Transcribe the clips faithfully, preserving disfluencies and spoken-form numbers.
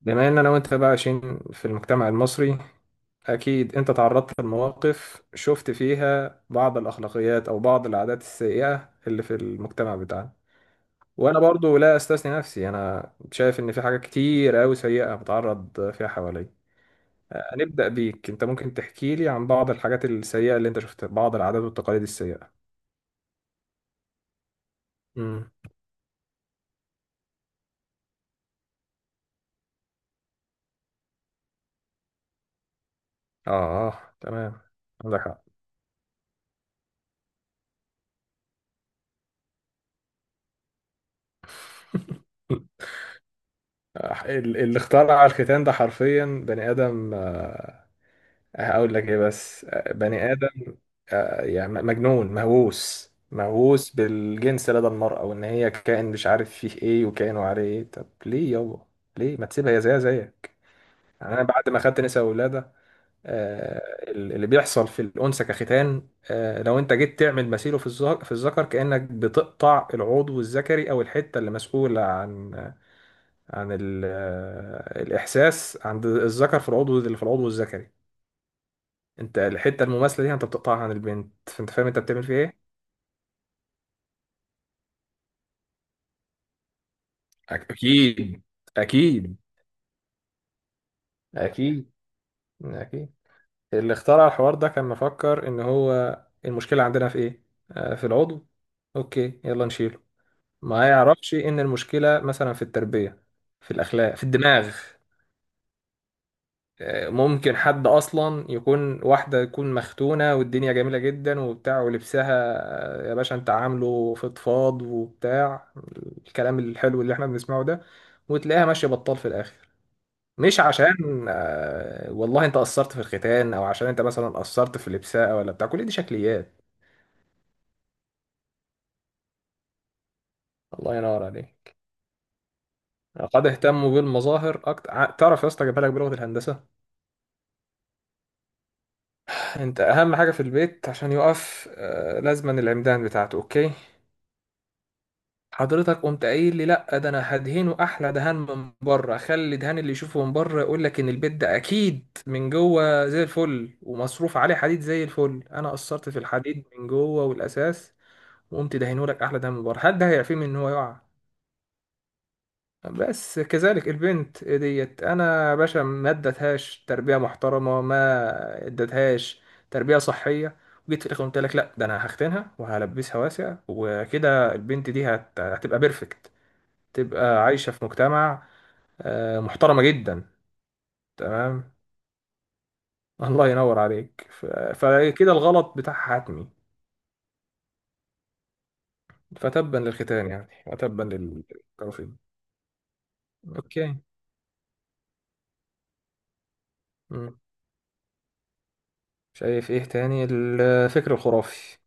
بما ان انا وانت بقى عايشين في المجتمع المصري. اكيد انت تعرضت لمواقف شفت فيها بعض الاخلاقيات او بعض العادات السيئة اللي في المجتمع بتاعنا. وانا برضو لا استثني نفسي، انا شايف ان في حاجات كتير قوي سيئة بتعرض فيها حواليا. هنبدأ بيك انت، ممكن تحكي لي عن بعض الحاجات السيئة اللي انت شفتها، بعض العادات والتقاليد السيئة؟ امم اه. آه، تمام. عندك حق. ال- اللي اخترع الختان ده حرفيا بني آدم. هقول لك ايه بس، آه، بني ادم. آه، يعني مجنون، مهووس مهووس بالجنس لدى المرأة، وان هي كائن مش عارف فيه ايه، وكائن وعليه ايه. طب ليه يابا؟ ليه ما تسيبها هي زيها زيك؟ يعني انا بعد ما خدت نساء وولادة، آه، اللي بيحصل في الانثى كختان، آه، لو انت جيت تعمل مثيله في الذكر، في الذكر كأنك بتقطع العضو الذكري، او الحتة اللي مسؤولة عن عن ال- آه، الاحساس عند الذكر في العضو اللي في العضو الذكري. انت الحته المماثله دي، يعني انت بتقطعها عن البنت، فانت فاهم انت بتعمل فيها ايه. اكيد. اكيد. أكيد. أكيد. اللي اخترع الحوار ده كان مفكر إن هو، المشكلة عندنا في إيه؟ آه، في العضو. أوكي يلا نشيله. ما يعرفش إن المشكلة مثلا في التربية، في الأخلاق، في الدماغ. ممكن حد اصلا يكون، واحده تكون مختونه والدنيا جميله جدا وبتاع ولبسها، يا باشا انت عامله فضفاض وبتاع، الكلام الحلو اللي احنا بنسمعه ده، وتلاقيها ماشيه بطال في الاخر. مش عشان آه، والله انت قصرت في الختان، او عشان انت مثلا قصرت في لبسها ولا بتاع، كل دي شكليات. الله ينور عليك. قد اهتموا بالمظاهر اكتر. تعرف يا اسطى، جايبها لك بلغه الهندسه. انت اهم حاجه في البيت عشان يقف، آه، لازما العمدان بتاعته، اوكي. حضرتك قمت قايل لي، لا ده انا هدهنه احلى دهان من بره، خلي دهان اللي يشوفه من بره يقول لك ان البيت ده اكيد من جوه زي الفل، ومصروف عليه حديد زي الفل. انا قصرت في الحديد من جوه والاساس، وقمت دهنه لك احلى دهان من بره، هل ده هيعفيه من ان هو يقع؟ بس كذلك البنت ديت، انا يا باشا ما ادتهاش تربيه محترمه، ما ادتهاش تربيه صحيه، وجيت في الاخر قلت لك لا ده انا هختنها وهلبسها واسع، وكده البنت دي هت... هتبقى بيرفكت، تبقى عايشة في مجتمع آه، محترمة جدا. تمام. الله ينور عليك. ف- فكده الغلط بتاعها حتمي. فتبا للختان يعني، وتبا للكافرين. اوكي. مم. شايف ايه تاني؟ الفكر الخرافي.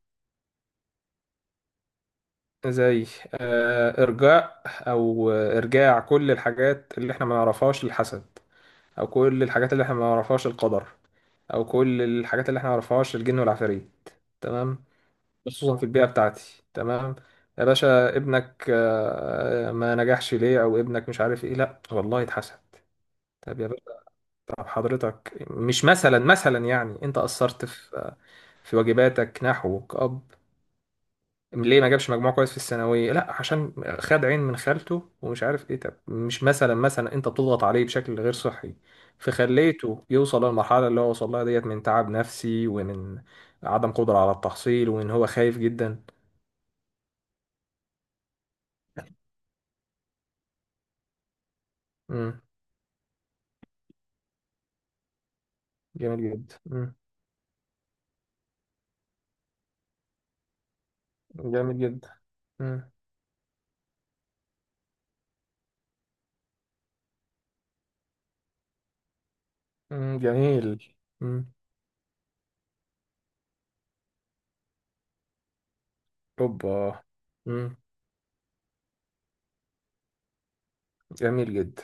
زي آه، ارجاء، او آه، ارجاع كل الحاجات اللي احنا ما نعرفهاش للحسد، او كل الحاجات اللي احنا ما نعرفهاش القدر، او كل الحاجات اللي احنا ما نعرفهاش الجن والعفاريت. تمام. خصوصا في البيئة بتاعتي. تمام. يا باشا ابنك آه، ما نجحش ليه؟ او ابنك مش عارف ايه. لا والله اتحسد. طب يا باشا، طب حضرتك مش مثلا، مثلا يعني انت قصرت في في واجباتك نحوه كأب. ليه ما جابش مجموع كويس في الثانوية؟ لا، عشان خد عين من خالته ومش عارف ايه. طب مش مثلا، مثلا انت بتضغط عليه بشكل غير صحي، فخليته يوصل للمرحلة اللي هو وصل لها ديت، من تعب نفسي، ومن عدم قدرة على التحصيل، وان هو خايف جدا. جميل جدا. مم. جميل جدا. مم. مم. جميل. مم. اوبا. مم. جميل جدا.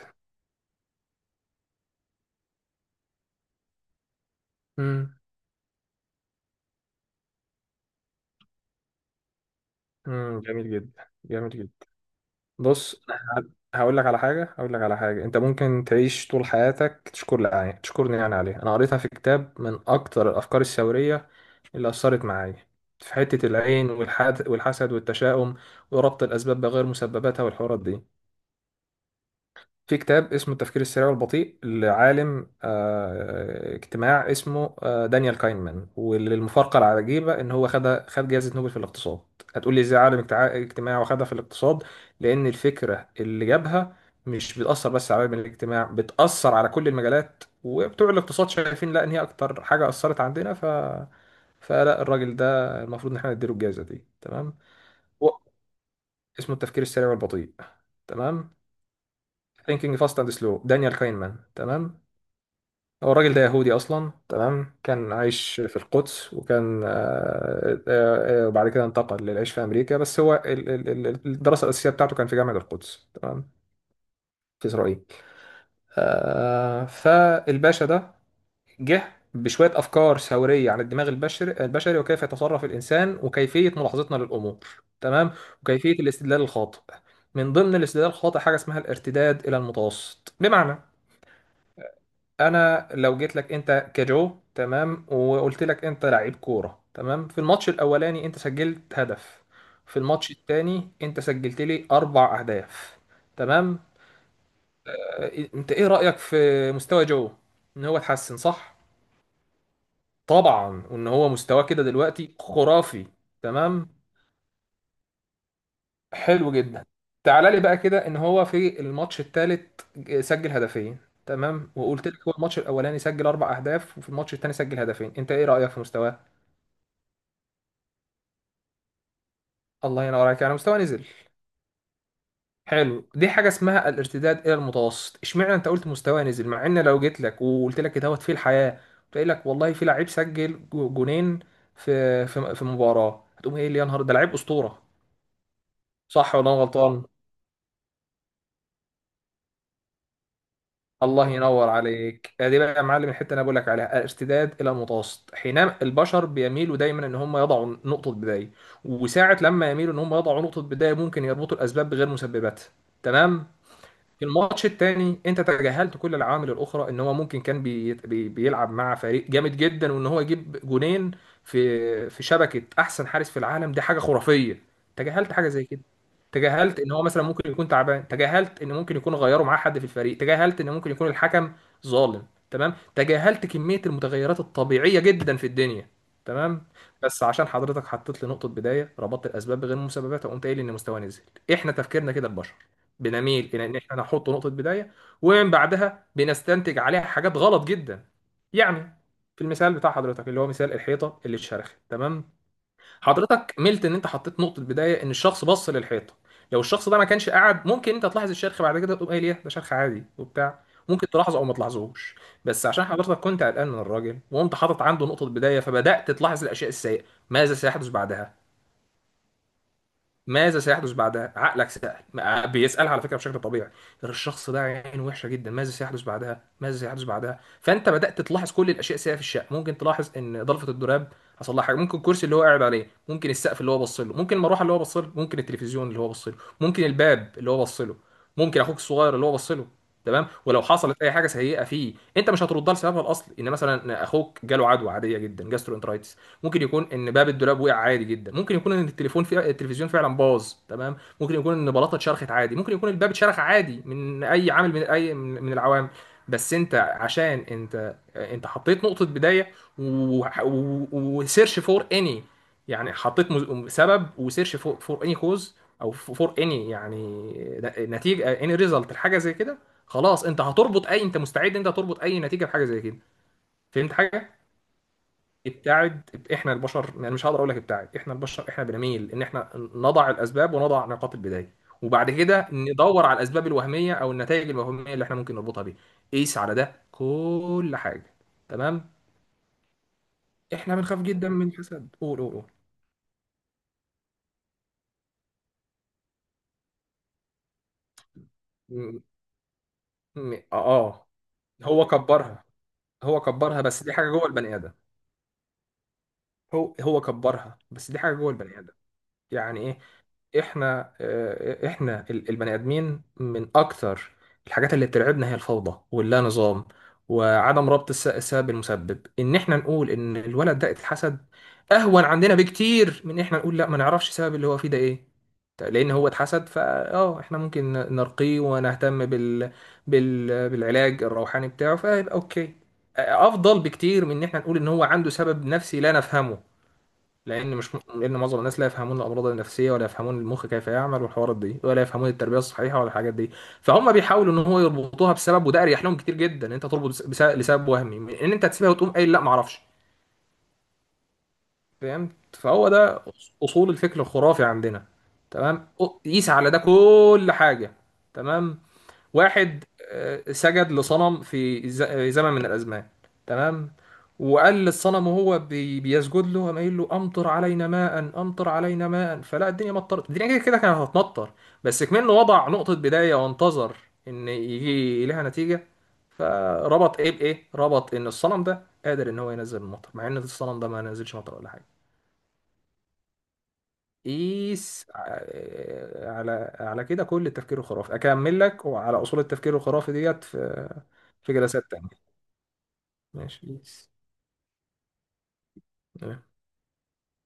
مم. مم. جميل جدا، جميل جدا. بص، أنا هقول لك على حاجة، هقول لك على حاجة انت ممكن تعيش طول حياتك تشكر لي عليها، تشكرني يعني عليها. انا قريتها في كتاب من اكتر الافكار الثورية اللي اثرت معايا في حتة العين والحد والحسد والتشاؤم وربط الاسباب بغير مسبباتها والحوارات دي. في كتاب اسمه التفكير السريع والبطيء، لعالم آه، اجتماع اسمه آه، دانيال كاينمان. وللمفارقة العجيبة، ان هو خد خد جائزة نوبل في الاقتصاد. هتقول لي ازاي عالم اجتع- اجتماع واخدها في الاقتصاد؟ لان الفكرة اللي جابها مش بتأثر بس على علم الاجتماع، بتأثر على كل المجالات، وبتوع الاقتصاد شايفين لا ان هي اكتر حاجة أثرت عندنا. ف فلا الراجل ده المفروض ان احنا نديله الجائزة دي. تمام. و- اسمه التفكير السريع والبطيء. تمام. ثينكينج فاست اند سلو. دانيال كاينمان. تمام. هو الراجل ده يهودي اصلا، تمام، كان عايش في القدس، وكان آه، آه، آه، وبعد كده انتقل للعيش في امريكا. بس هو ال- ال- ال- الدراسه الاساسيه بتاعته كان في جامعه القدس. تمام. في اسرائيل. آه، فالباشا ده جه بشويه افكار ثوريه عن الدماغ البشري البشري وكيف يتصرف الانسان وكيفيه ملاحظتنا للامور. تمام. وكيفيه الاستدلال الخاطئ. من ضمن الاستدلال الخاطئ حاجه اسمها الارتداد الى المتوسط. بمعنى، انا لو جيت لك انت كجو، تمام، وقلت لك انت لعيب كوره، تمام، في الماتش الاولاني انت سجلت هدف، في الماتش التاني انت سجلت لي اربع اهداف، تمام. آه، انت ايه رايك في مستوى جو؟ ان هو اتحسن، صح؟ طبعا. وان هو مستواه كده دلوقتي خرافي. تمام. حلو جدا. تعال لي بقى كده، ان هو في الماتش التالت سجل هدفين، تمام. وقلت لك هو الماتش الاولاني سجل اربع اهداف وفي الماتش التاني سجل هدفين، انت ايه رايك في مستواه؟ الله ينور عليك، يعني مستوى نزل. حلو، دي حاجه اسمها الارتداد الى المتوسط. اشمعنى انت قلت مستوى نزل؟ مع ان لو جيت لك وقلت لك دوت في الحياه، قلت لك والله في لعيب سجل جو- جونين في في في مباراه، هتقوم ايه؟ اللي يا نهار ده لعيب اسطوره، صح ولا انا غلطان؟ الله ينور عليك، دي بقى يا معلم الحته اللي انا بقول لك عليها، الارتداد الى المتوسط، حينما البشر بيميلوا دايما ان هم يضعوا نقطه بدايه، وساعه لما يميلوا ان هم يضعوا نقطه بدايه ممكن يربطوا الاسباب بغير مسببات. تمام. في الماتش التاني انت تجاهلت كل العوامل الاخرى، ان هو ممكن كان بي بي بيلعب مع فريق جامد جدا، وان هو يجيب جونين في في شبكه احسن حارس في العالم، دي حاجه خرافيه. تجاهلت حاجه زي كده. تجاهلت ان هو مثلا ممكن يكون تعبان، تجاهلت ان ممكن يكون غيروا معاه حد في الفريق، تجاهلت ان ممكن يكون الحكم ظالم، تمام، تجاهلت كميه المتغيرات الطبيعيه جدا في الدنيا. تمام. بس عشان حضرتك حطيت لي نقطه بدايه، ربطت الاسباب بغير المسببات وقمت قايل ان مستواه نزل. احنا تفكيرنا كده البشر، بنميل الى ان احنا نحط نقطه بدايه، ومن بعدها بنستنتج عليها حاجات غلط جدا. يعني في المثال بتاع حضرتك اللي هو مثال الحيطه اللي اتشرخت، تمام، حضرتك ملت ان انت حطيت نقطه بدايه ان الشخص بص للحيطه. لو الشخص ده ما كانش قاعد، ممكن انت تلاحظ الشرخ بعد كده تقوم قايل ايه ده، شرخ عادي وبتاع، ممكن تلاحظه او ما تلاحظهوش. بس عشان حضرتك كنت قلقان من الراجل وقمت حاطط عنده نقطه بدايه، فبدات تلاحظ الاشياء السيئه. ماذا سيحدث بعدها؟ ماذا سيحدث بعدها؟ عقلك سأل، ما- بيسألها على فكرة بشكل طبيعي. الشخص ده عين وحشة جدا، ماذا سيحدث بعدها؟ ماذا سيحدث بعدها؟ فأنت بدأت تلاحظ كل الأشياء السيئة في الشقة. ممكن تلاحظ إن ضلفة الدولاب حصل لها حاجة، ممكن الكرسي اللي هو قاعد عليه، ممكن السقف اللي هو بص له، ممكن المروحة اللي هو بص له، ممكن التلفزيون اللي هو بص له، ممكن الباب اللي هو بص له، ممكن أخوك الصغير اللي هو بص له. تمام. ولو حصلت اي حاجه سيئه فيه، انت مش هتردها لسببها الاصلي، ان مثلا اخوك جاله عدوى عاديه جدا، جاسترو. ممكن يكون ان باب الدولاب وقع عادي جدا، ممكن يكون ان التليفون في التلفزيون فعلا باظ، تمام، ممكن يكون ان بلاطه اتشرخت عادي، ممكن يكون الباب اتشرخ عادي من اي عامل، من اي من من العوامل. بس انت عشان انت انت حطيت نقطه بدايه، وسيرش فور اني، يعني حطيت مز- سبب وسيرش فور اني كوز، او فور اني يعني نتيجه، اني ريزلت الحاجه زي كده. خلاص انت هتربط اي، انت مستعد انت هتربط اي نتيجه بحاجه زي كده. فهمت حاجه؟ ابتعد احنا البشر، يعني مش هقدر اقول لك ابتعد، احنا البشر احنا بنميل ان احنا نضع الاسباب ونضع نقاط البدايه، وبعد كده ندور على الاسباب الوهميه او النتائج الوهميه اللي احنا ممكن نربطها بيها. قيس على ده كل حاجه. تمام. احنا بنخاف جدا من الحسد. قول قول قول. م- م- اه آه. هو كبرها. هو كبرها بس دي حاجه جوه البني ادم. هو هو كبرها بس دي حاجه جوه البني ادم. يعني ايه؟ احنا آه، احنا ال- البني ادمين، من اكتر الحاجات اللي بترعبنا هي الفوضى واللا نظام، وعدم ربط الس- السبب بالمسبب. ان احنا نقول ان الولد ده اتحسد اهون عندنا بكتير من ان احنا نقول لا ما نعرفش السبب اللي هو فيه ده ايه. لان هو اتحسد، فا اه احنا ممكن نرقيه ونهتم بال... بال... بالعلاج الروحاني بتاعه، فيبقى اوكي. افضل بكتير من ان احنا نقول ان هو عنده سبب نفسي لا نفهمه. لان مش، لان معظم الناس لا يفهمون الامراض النفسيه، ولا يفهمون المخ كيف يعمل والحوارات دي، ولا يفهمون التربيه الصحيحه ولا الحاجات دي. فهم بيحاولوا ان هو يربطوها بسبب، وده اريح لهم كتير جدا ان انت تربط بس- بس- لسبب وهمي، من ان انت تسيبها وتقوم قايل لا ما اعرفش. فهمت؟ فهو ده اصول الفكر الخرافي عندنا. تمام. أو- قيس على ده كل حاجه. تمام. واحد آه، سجد لصنم في ز- آه، زمن من الأزمان، تمام، وقال للصنم وهو بي- بيسجد له، قام قايل له أمطر علينا ماء، أمطر علينا ماء. فلا الدنيا مطرت، الدنيا كده كده كانت هتمطر، بس كمان وضع نقطة بداية وانتظر إن يجي لها نتيجة، فربط إيه بإيه؟ ربط إن الصنم ده قادر إن هو ينزل المطر، مع إن الصنم ده ما نزلش مطر ولا حاجة. قيس ع- على على كده كل التفكير الخرافي اكمل لك، وعلى اصول التفكير الخرافي ديت في في جلسات تانية. ماشي قيس.